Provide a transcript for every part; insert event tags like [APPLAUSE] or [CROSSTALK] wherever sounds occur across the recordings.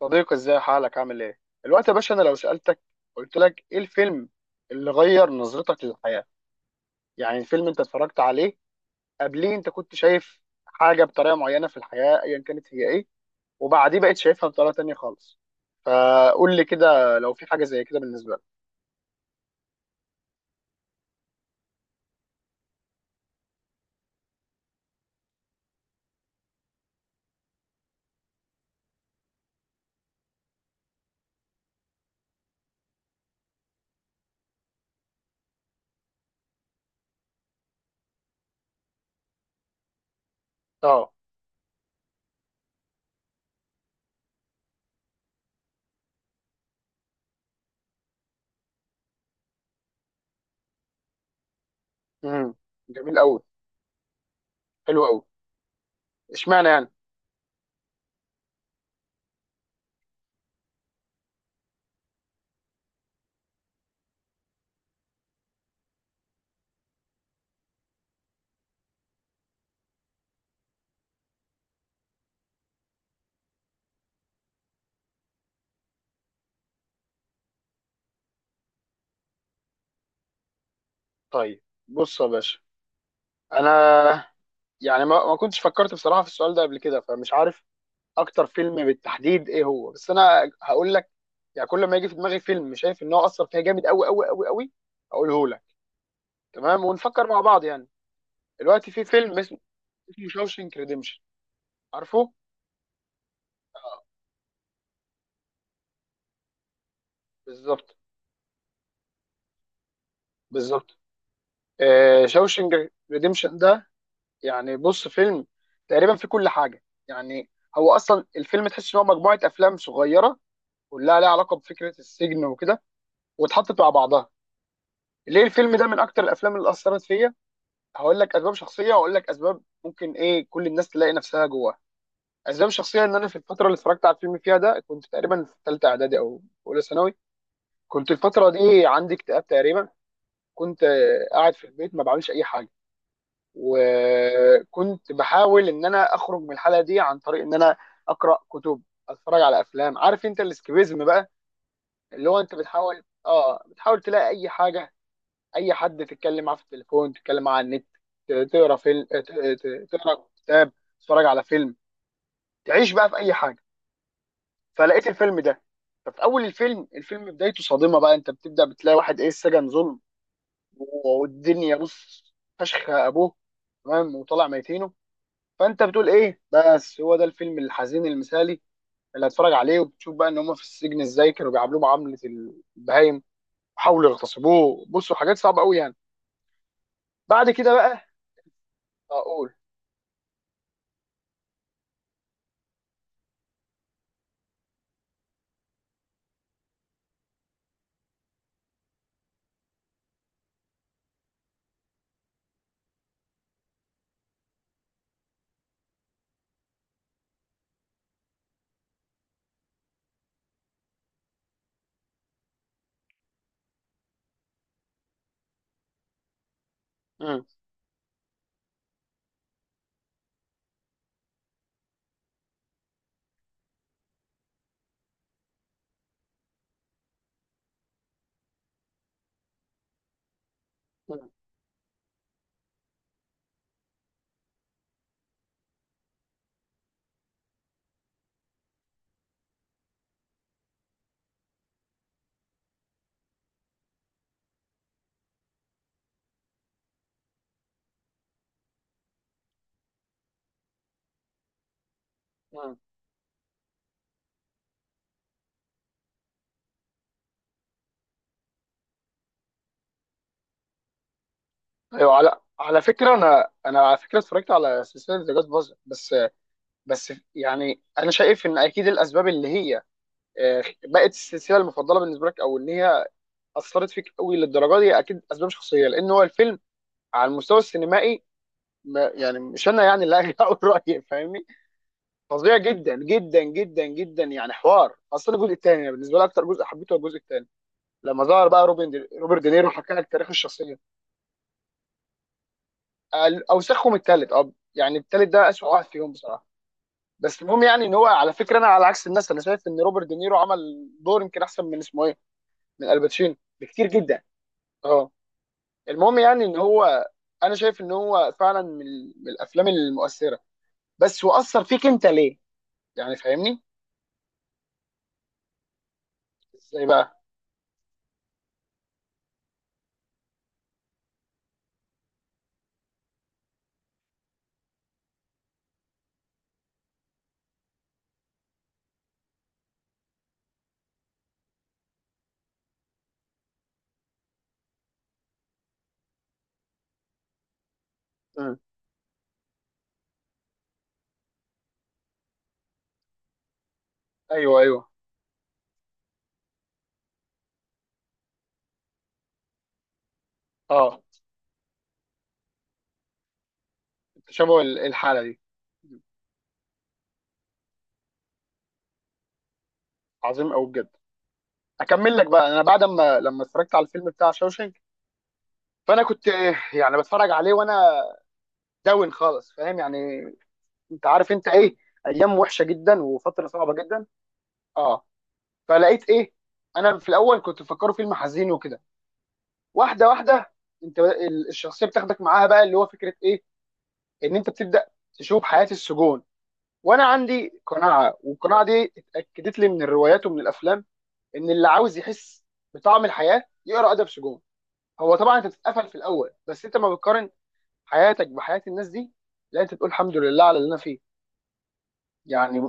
صديقي، ازاي حالك، عامل ايه؟ الوقت يا باشا، انا لو سألتك، قلت لك ايه الفيلم اللي غير نظرتك للحياة؟ يعني الفيلم انت اتفرجت عليه قبليه انت كنت شايف حاجة بطريقة معينة في الحياة، ايا كانت هي ايه، وبعديه بقيت شايفها بطريقة تانية خالص. فقول لي كده لو في حاجة زي كده بالنسبة لك. اه. امم جميل قوي. حلو قوي. اشمعنى يعني؟ طيب، بص يا باشا. انا يعني ما كنتش فكرت بصراحة في السؤال ده قبل كده، فمش عارف اكتر فيلم بالتحديد ايه هو، بس انا هقول لك يعني كل ما يجي في دماغي فيلم شايف ان هو اثر فيها جامد قوي قوي قوي قوي اقوله لك، تمام ونفكر مع بعض يعني. دلوقتي في فيلم اسمه شاوشنك ريديمشن. عارفه؟ بالظبط، بالظبط. شاوشنك ريديمشن ده، يعني بص، فيلم تقريبا فيه كل حاجه يعني. هو اصلا الفيلم تحس ان هو مجموعه افلام صغيره كلها ليها علاقه بفكره السجن وكده، واتحطت مع بعضها. ليه الفيلم ده من اكتر الافلام اللي اثرت فيا؟ هقول لك اسباب شخصيه، واقول لك اسباب ممكن ايه كل الناس تلاقي نفسها جواها. اسباب شخصيه ان انا في الفتره اللي اتفرجت على الفيلم فيها ده كنت تقريبا في ثالثه اعدادي او اولى ثانوي. كنت الفتره دي عندي اكتئاب تقريبا. كنت قاعد في البيت ما بعملش اي حاجه. وكنت بحاول ان انا اخرج من الحاله دي عن طريق ان انا اقرا كتب، اتفرج على افلام. عارف انت الاسكيبيزم بقى، اللي هو انت بتحاول، بتحاول تلاقي اي حاجه، اي حد تتكلم معاه في التليفون، تتكلم معاه على النت، تقرا فيلم، تقرا كتاب، تتفرج على فيلم، تعيش بقى في اي حاجه. فلقيت الفيلم ده. ففي اول الفيلم بدايته صادمه بقى. انت بتبدا بتلاقي واحد، ايه، السجن ظلم والدنيا بص، فشخ ابوه تمام، وطلع ميتينه. فانت بتقول ايه، بس هو ده الفيلم الحزين المثالي اللي هتفرج عليه. وبتشوف بقى ان هم في السجن ازاي كانوا بيعاملوه معامله البهايم، وحاولوا يغتصبوه. بصوا حاجات صعبه قوي يعني. بعد كده بقى اقول. مم. مم. ايوه، على على فكره، انا على فكره اتفرجت على سلسله ذا جاد فازر، بس. بس يعني انا شايف ان اكيد الاسباب اللي هي بقت السلسله المفضله بالنسبه لك، او ان هي اثرت فيك قوي للدرجه دي، اكيد اسباب شخصيه. لان هو الفيلم على المستوى السينمائي، ما يعني، مش انا يعني اللي هاجي [LAUGHS] اقول رايي، فاهمني، فظيع جدا جدا جدا جدا يعني. حوار اصلا. الجزء الثاني بالنسبه لي اكتر جزء حبيته هو الجزء الثاني، لما ظهر بقى روبرت دينيرو حكى لك تاريخ الشخصيه. اوسخهم التالت، يعني التالت ده اسوء واحد فيهم بصراحه. بس المهم يعني ان هو، على فكره، انا على عكس الناس، انا شايف ان روبرت دينيرو عمل دور يمكن احسن من اسمه ايه، من الباتشينو، بكتير جدا. اه. المهم يعني ان هو، انا شايف ان هو فعلا من الافلام المؤثره. بس هو اثر فيك انت ليه؟ يعني فاهمني، ازاي بقى؟ مم. ايوه، ايوه. اه، تشابه الحاله دي. عظيم قوي بجد. اكمل لك بقى. انا بعد ما لما اتفرجت على الفيلم بتاع شوشنك، فانا كنت يعني بتفرج عليه وانا داون خالص، فاهم يعني. انت عارف انت ايه، ايام وحشه جدا وفتره صعبه جدا. اه. فلقيت ايه، انا في الاول كنت مفكره فيلم حزين وكده. واحده واحده انت الشخصيه بتاخدك معاها بقى، اللي هو فكره ايه، ان انت بتبدا تشوف حياه السجون. وانا عندي قناعه، والقناعه دي اتاكدت لي من الروايات ومن الافلام، ان اللي عاوز يحس بطعم الحياه يقرا ادب سجون. هو طبعا انت بتتقفل في الاول، بس انت ما بتقارن حياتك بحياه الناس دي، لا انت تقول الحمد لله على اللي انا فيه، يعني.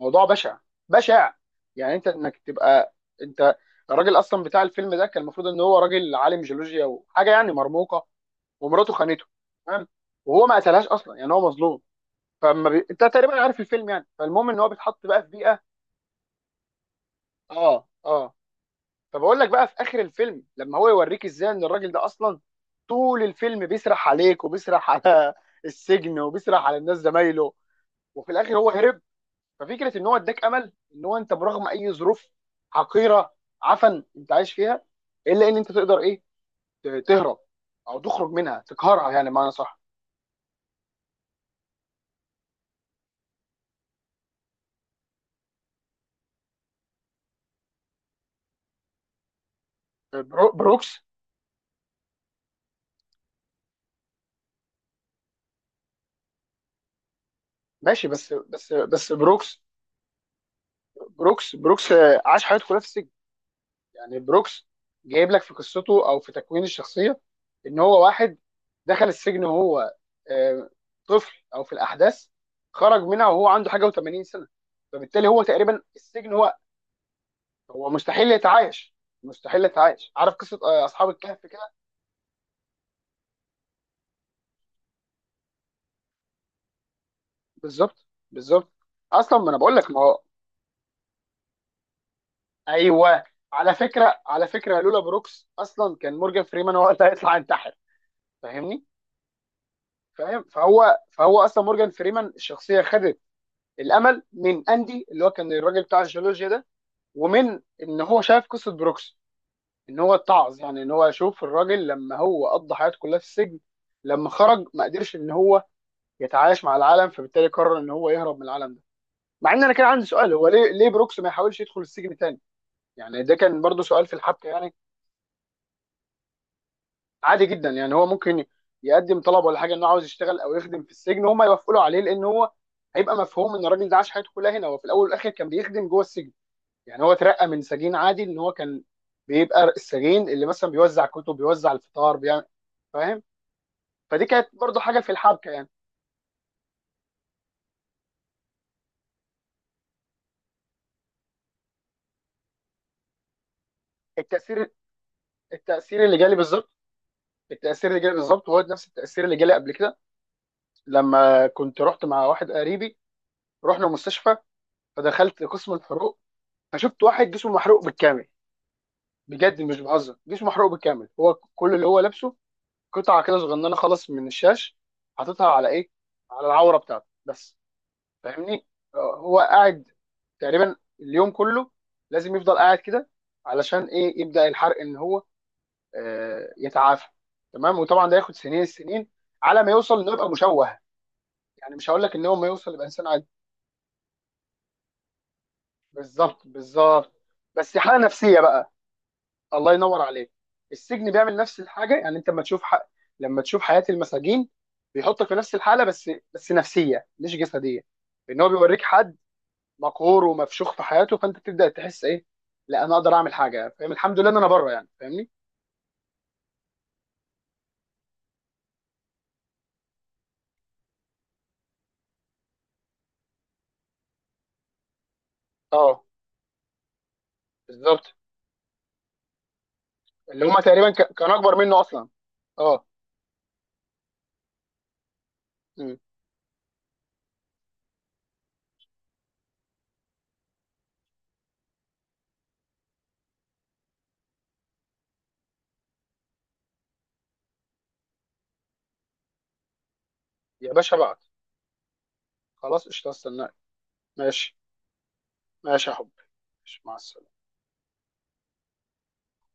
موضوع بشع بشع يعني. انت انك تبقى انت. الراجل اصلا بتاع الفيلم ده كان المفروض ان هو راجل عالم جيولوجيا وحاجه يعني مرموقه. ومراته خانته، تمام، وهو ما قتلهاش اصلا، يعني هو مظلوم. انت تقريبا عارف الفيلم يعني. فالمهم ان هو بيتحط بقى في بيئه. اه، اه. فبقول لك بقى، في اخر الفيلم، لما هو يوريك ازاي ان الراجل ده اصلا طول الفيلم بيسرح عليك، وبيسرح على [LAUGHS] السجن، وبيسرح على الناس زمايله، وفي الاخر هو هرب. ففكره ان هو اداك امل، ان هو انت برغم اي ظروف حقيره عفن انت عايش فيها، الا ان انت تقدر، ايه، تهرب، او تخرج منها، تقهرها، يعني معنى صح. بروكس، ماشي. بس بس بس بروكس، بروكس عاش حياته كلها في السجن. يعني بروكس جايب لك في قصته او في تكوين الشخصيه، ان هو واحد دخل السجن وهو آه، طفل او في الاحداث، خرج منها وهو عنده حاجه و80 سنه. فبالتالي هو تقريبا السجن هو، هو مستحيل يتعايش. مستحيل يتعايش. عارف قصه اصحاب الكهف كده. بالظبط، بالظبط. اصلا ما انا بقول لك، ما هو. ايوه، على فكره لولا بروكس اصلا كان مورجان فريمان هو اللي هيطلع ينتحر. فاهمني. فاهم، فهو اصلا مورجان فريمان الشخصيه خدت الامل من اندي، اللي هو كان الراجل بتاع الجيولوجيا ده، ومن ان هو شاف قصه بروكس، ان هو اتعظ، يعني ان هو يشوف الراجل لما هو قضى حياته كلها في السجن، لما خرج ما قدرش ان هو يتعايش مع العالم، فبالتالي قرر ان هو يهرب من العالم ده. مع ان انا كان عندي سؤال، هو ليه بروكس ما يحاولش يدخل السجن تاني؟ يعني ده كان برضو سؤال في الحبكه يعني. عادي جدا يعني. هو ممكن يقدم طلب ولا حاجه انه عاوز يشتغل او يخدم في السجن، وهم يوافقوا له عليه، لان هو هيبقى مفهوم ان الراجل ده عاش حياته كلها هنا، هو في الاول والاخر كان بيخدم جوه السجن. يعني هو اترقى من سجين عادي ان هو كان بيبقى السجين اللي مثلا بيوزع كتب، بيوزع الفطار، بيعمل، فاهم. فدي كانت برضو حاجه في الحبكه يعني. التاثير التاثير اللي جالي بالظبط. التأثير اللي جالي بالظبط هو نفس التأثير اللي جالي قبل كده، لما كنت رحت مع واحد قريبي، رحنا مستشفى، فدخلت قسم الحروق، فشفت واحد جسمه محروق بالكامل. بجد مش بهزر، جسمه محروق بالكامل. هو كل اللي هو لابسه قطعة كده صغننة خالص من الشاش، حاططها على ايه، على العورة بتاعته بس، فاهمني. هو قاعد تقريبا اليوم كله. لازم يفضل قاعد كده علشان ايه، يبدأ الحرق ان هو يتعافى. تمام. وطبعا ده ياخد سنين السنين على ما يوصل انه يبقى مشوه. يعني مش هقول لك ان هو ما يوصل يبقى انسان عادي. بالظبط، بالظبط. بس حاله نفسيه بقى. الله ينور عليك. السجن بيعمل نفس الحاجه. يعني انت لما تشوف لما تشوف حياه المساجين، بيحطك في نفس الحاله، بس بس نفسيه مش جسديه. ان هو بيوريك حد مقهور ومفشوخ في حياته، فانت بتبدا تحس، ايه، لا انا اقدر اعمل حاجه، فاهم، الحمد لله ان انا بره يعني، فاهمني. اه، بالظبط. اللي هم تقريبا كانوا اكبر منه اصلا. اه. مم. يا باشا، بعد خلاص قشطه استناك. ماشي. ماشي يا حبي. ماشي. مع السلامه.